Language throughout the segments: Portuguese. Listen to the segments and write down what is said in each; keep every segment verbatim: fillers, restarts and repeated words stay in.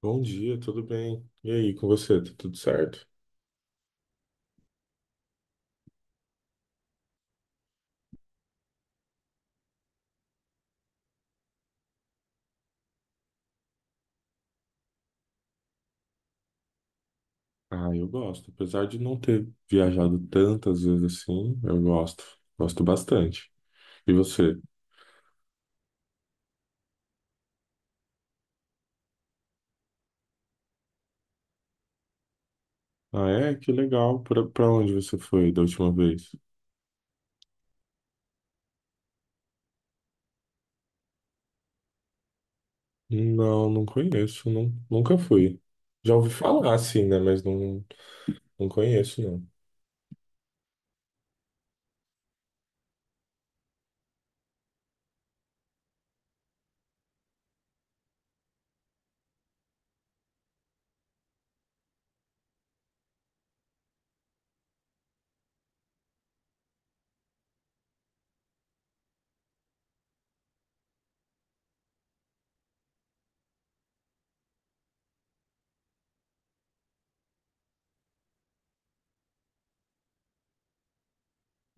Bom dia, tudo bem? E aí, com você, tá tudo certo? Ah, eu gosto. Apesar de não ter viajado tantas vezes assim, eu gosto. Gosto bastante. E você? Ah, é? Que legal. Pra, pra onde você foi da última vez? Não, não conheço. Não, nunca fui. Já ouvi falar, assim, né? Mas não, não conheço, não.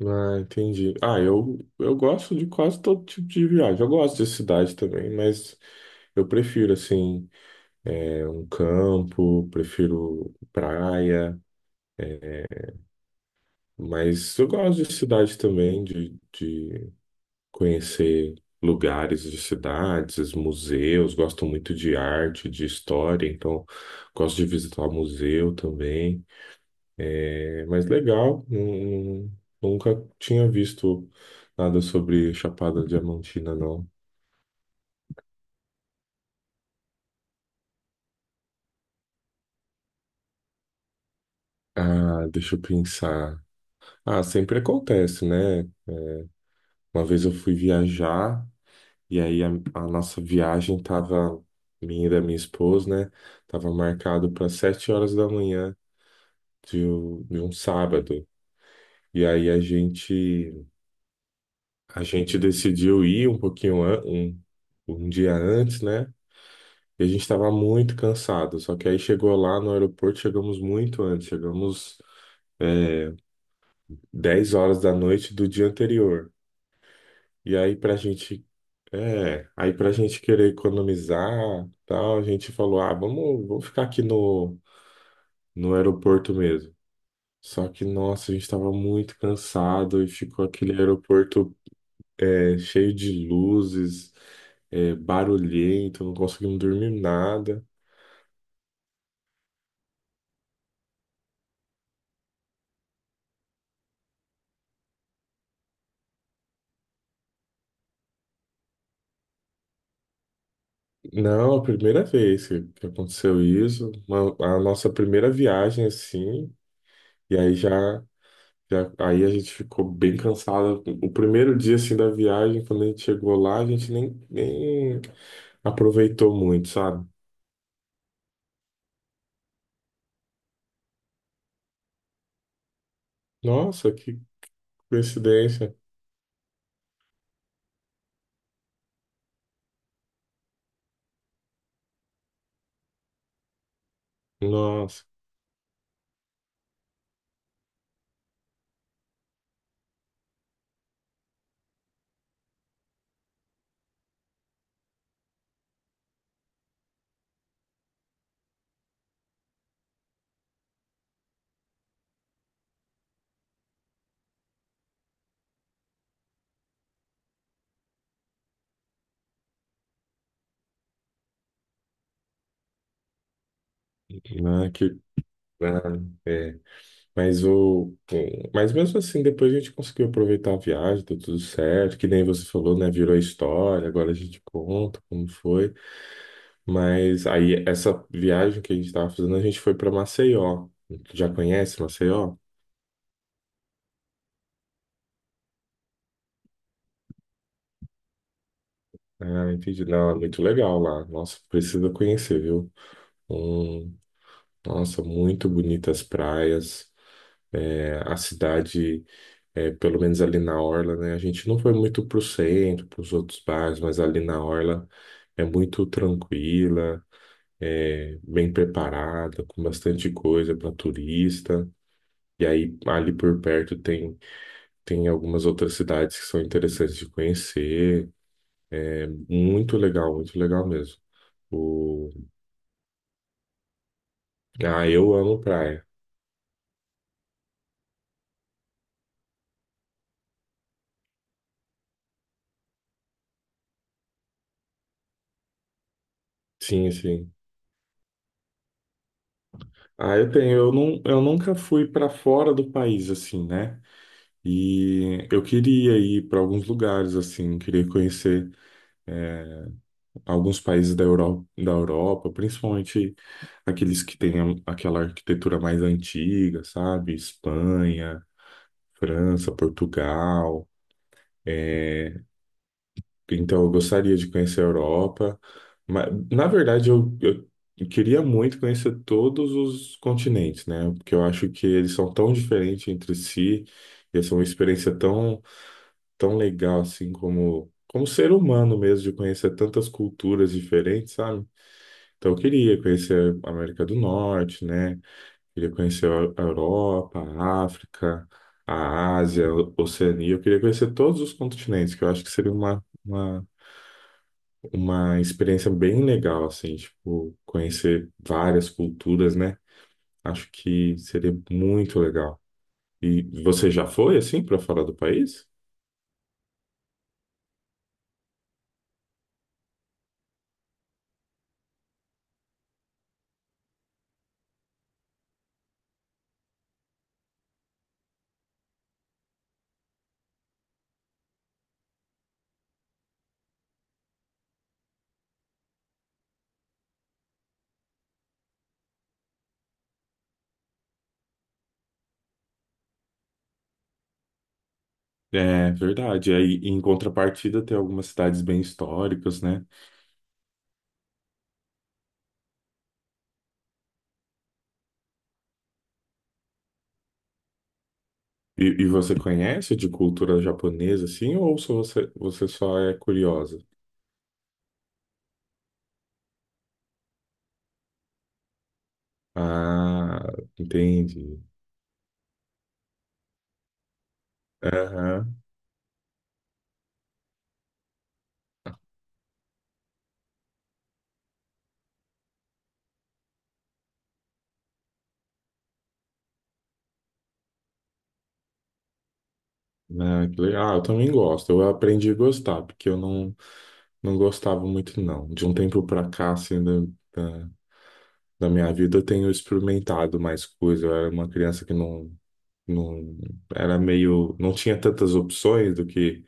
Ah, entendi. Ah, eu, eu gosto de quase todo tipo de viagem. Eu gosto de cidade também, mas eu prefiro, assim. É, um campo, prefiro praia, é, mas eu gosto de cidade também, de, de conhecer lugares de cidades, museus, gosto muito de arte, de história, então gosto de visitar museu também. É, mas legal, hum, nunca tinha visto nada sobre Chapada Diamantina, não. Ah, deixa eu pensar. Ah, sempre acontece, né? É, Uma vez eu fui viajar. E aí a, a nossa viagem tava, minha e da minha esposa, né? Tava marcado para sete horas da manhã de, um- de um sábado. E aí a gente a gente decidiu ir um pouquinho an- um, um dia antes, né? E a gente estava muito cansado. Só que aí chegou lá no aeroporto, chegamos muito antes, chegamos é, dez horas da noite do dia anterior. E aí pra gente, é, aí pra gente querer economizar, tal, a gente falou, ah, vamos, vamos ficar aqui no, no aeroporto mesmo. Só que, nossa, a gente estava muito cansado e ficou aquele aeroporto é, cheio de luzes, é, barulhento, não conseguimos dormir nada. Não, a primeira vez que, que aconteceu isso, uma- a nossa primeira viagem assim, e aí já Já- aí a gente ficou bem cansado. O primeiro dia assim da viagem, quando a gente chegou lá, a gente nem, nem aproveitou muito, sabe? Nossa, que coincidência. Nossa, né, que ah, é. Mas o mas mesmo assim, depois a gente conseguiu aproveitar a viagem, deu tudo certo, que nem você falou, né? Virou história, agora a gente conta como foi. Mas aí essa viagem que a gente estava fazendo, a gente foi para Maceió. Já conhece Maceió? Ah, entendi. Não, é muito legal lá. Nossa, precisa conhecer, viu? Hum, nossa, muito bonitas praias. É, a cidade, é, pelo menos ali na Orla, né? A gente não foi muito pro centro, pros outros bairros, mas ali na Orla é muito tranquila, é, bem preparada, com bastante coisa para turista. E aí, ali por perto tem, tem algumas outras cidades que são interessantes de conhecer. Muito legal, muito legal mesmo. Ah, eu amo praia. Sim, sim. Ah, eu tenho. Eu, não, eu nunca fui para fora do país, assim, né? E eu queria ir para alguns lugares, assim, queria conhecer eh, alguns países da Europa, da Europa, principalmente aqueles que têm a- aquela arquitetura mais antiga, sabe? Espanha, França, Portugal. Então, eu gostaria de conhecer a Europa. Mas, na verdade, eu, eu queria muito conhecer todos os continentes, né? Porque eu acho que eles são tão diferentes entre si, e essa é uma experiência tão, tão legal, assim, como, como ser humano mesmo, de conhecer tantas culturas diferentes, sabe? Então, eu queria conhecer a América do Norte, né? Queria conhecer a a Europa, a África, a Ásia, a Oceania. Eu queria conhecer todos os continentes, que eu acho que seria uma. uma uma experiência bem legal, assim, tipo, conhecer várias culturas, né? Acho que seria muito legal. E você já foi, assim, para fora do país? É verdade. Aí, em contrapartida, tem algumas cidades bem históricas, né? E, e você conhece de cultura japonesa, assim, ou só você, você só é curiosa? Ah, entendi. Aham. Ah, que legal. Ah, eu também gosto. Eu aprendi a gostar, porque eu não. Não gostava muito, não. De um tempo pra cá, assim, da, da, da minha vida, eu tenho experimentado mais coisas. Eu era uma criança que não, não era meio, não tinha tantas opções do que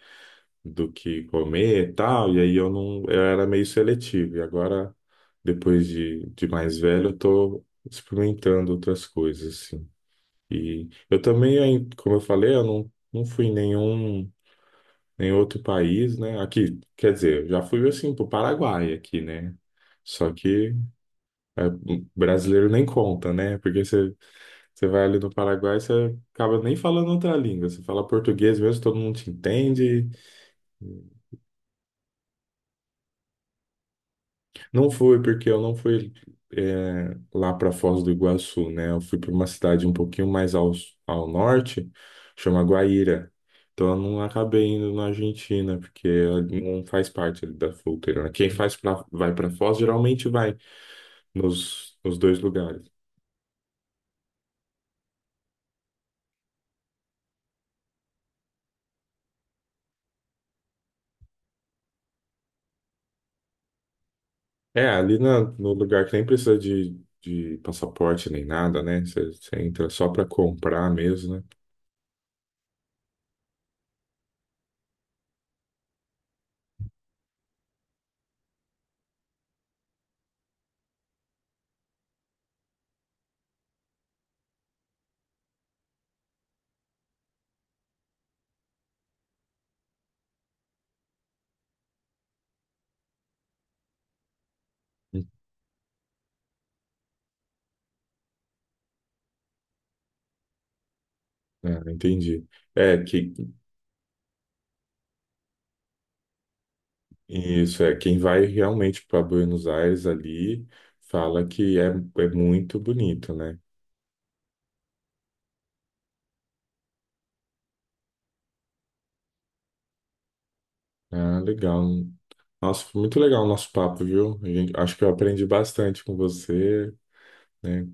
do que comer e tal. E aí eu não, eu era meio seletivo. E agora, depois de, de mais velho, eu tô experimentando outras coisas, assim. E eu também, aí, como eu falei, eu não, não fui nenhum em outro país, né? Aqui, quer dizer, eu já fui assim pro Paraguai aqui, né? Só que é, o brasileiro nem conta, né? Porque você você vai ali no Paraguai, você acaba nem falando outra língua. Você fala português mesmo, todo mundo te entende. Não foi, porque eu não fui é, lá para Foz do Iguaçu, né? Eu fui para uma cidade um pouquinho mais ao, ao norte, chama Guaíra. Então eu não acabei indo na Argentina, porque não faz parte ali da fronteira, né? Quem faz pra, vai para Foz geralmente vai nos, nos dois lugares. É, ali na- no lugar que nem precisa de, de passaporte nem nada, né? Você você entra só para comprar mesmo, né? É, entendi. É, que Isso é, quem vai realmente para Buenos Aires ali fala que é, é muito bonito, né? Ah, legal. Nossa, foi muito legal o nosso papo, viu? A gente- acho que eu aprendi bastante com você, né?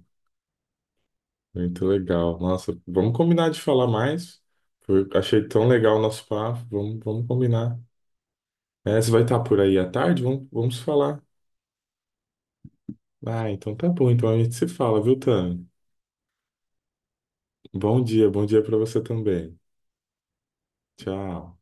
Muito legal. Nossa, vamos combinar de falar mais. Foi- achei tão legal o nosso papo. Vamos, vamos combinar. É, você vai estar por aí à tarde? Vamos, vamos falar. Ah, então tá bom. Então a gente se fala, viu, Tan? Bom dia, bom dia para você também. Tchau.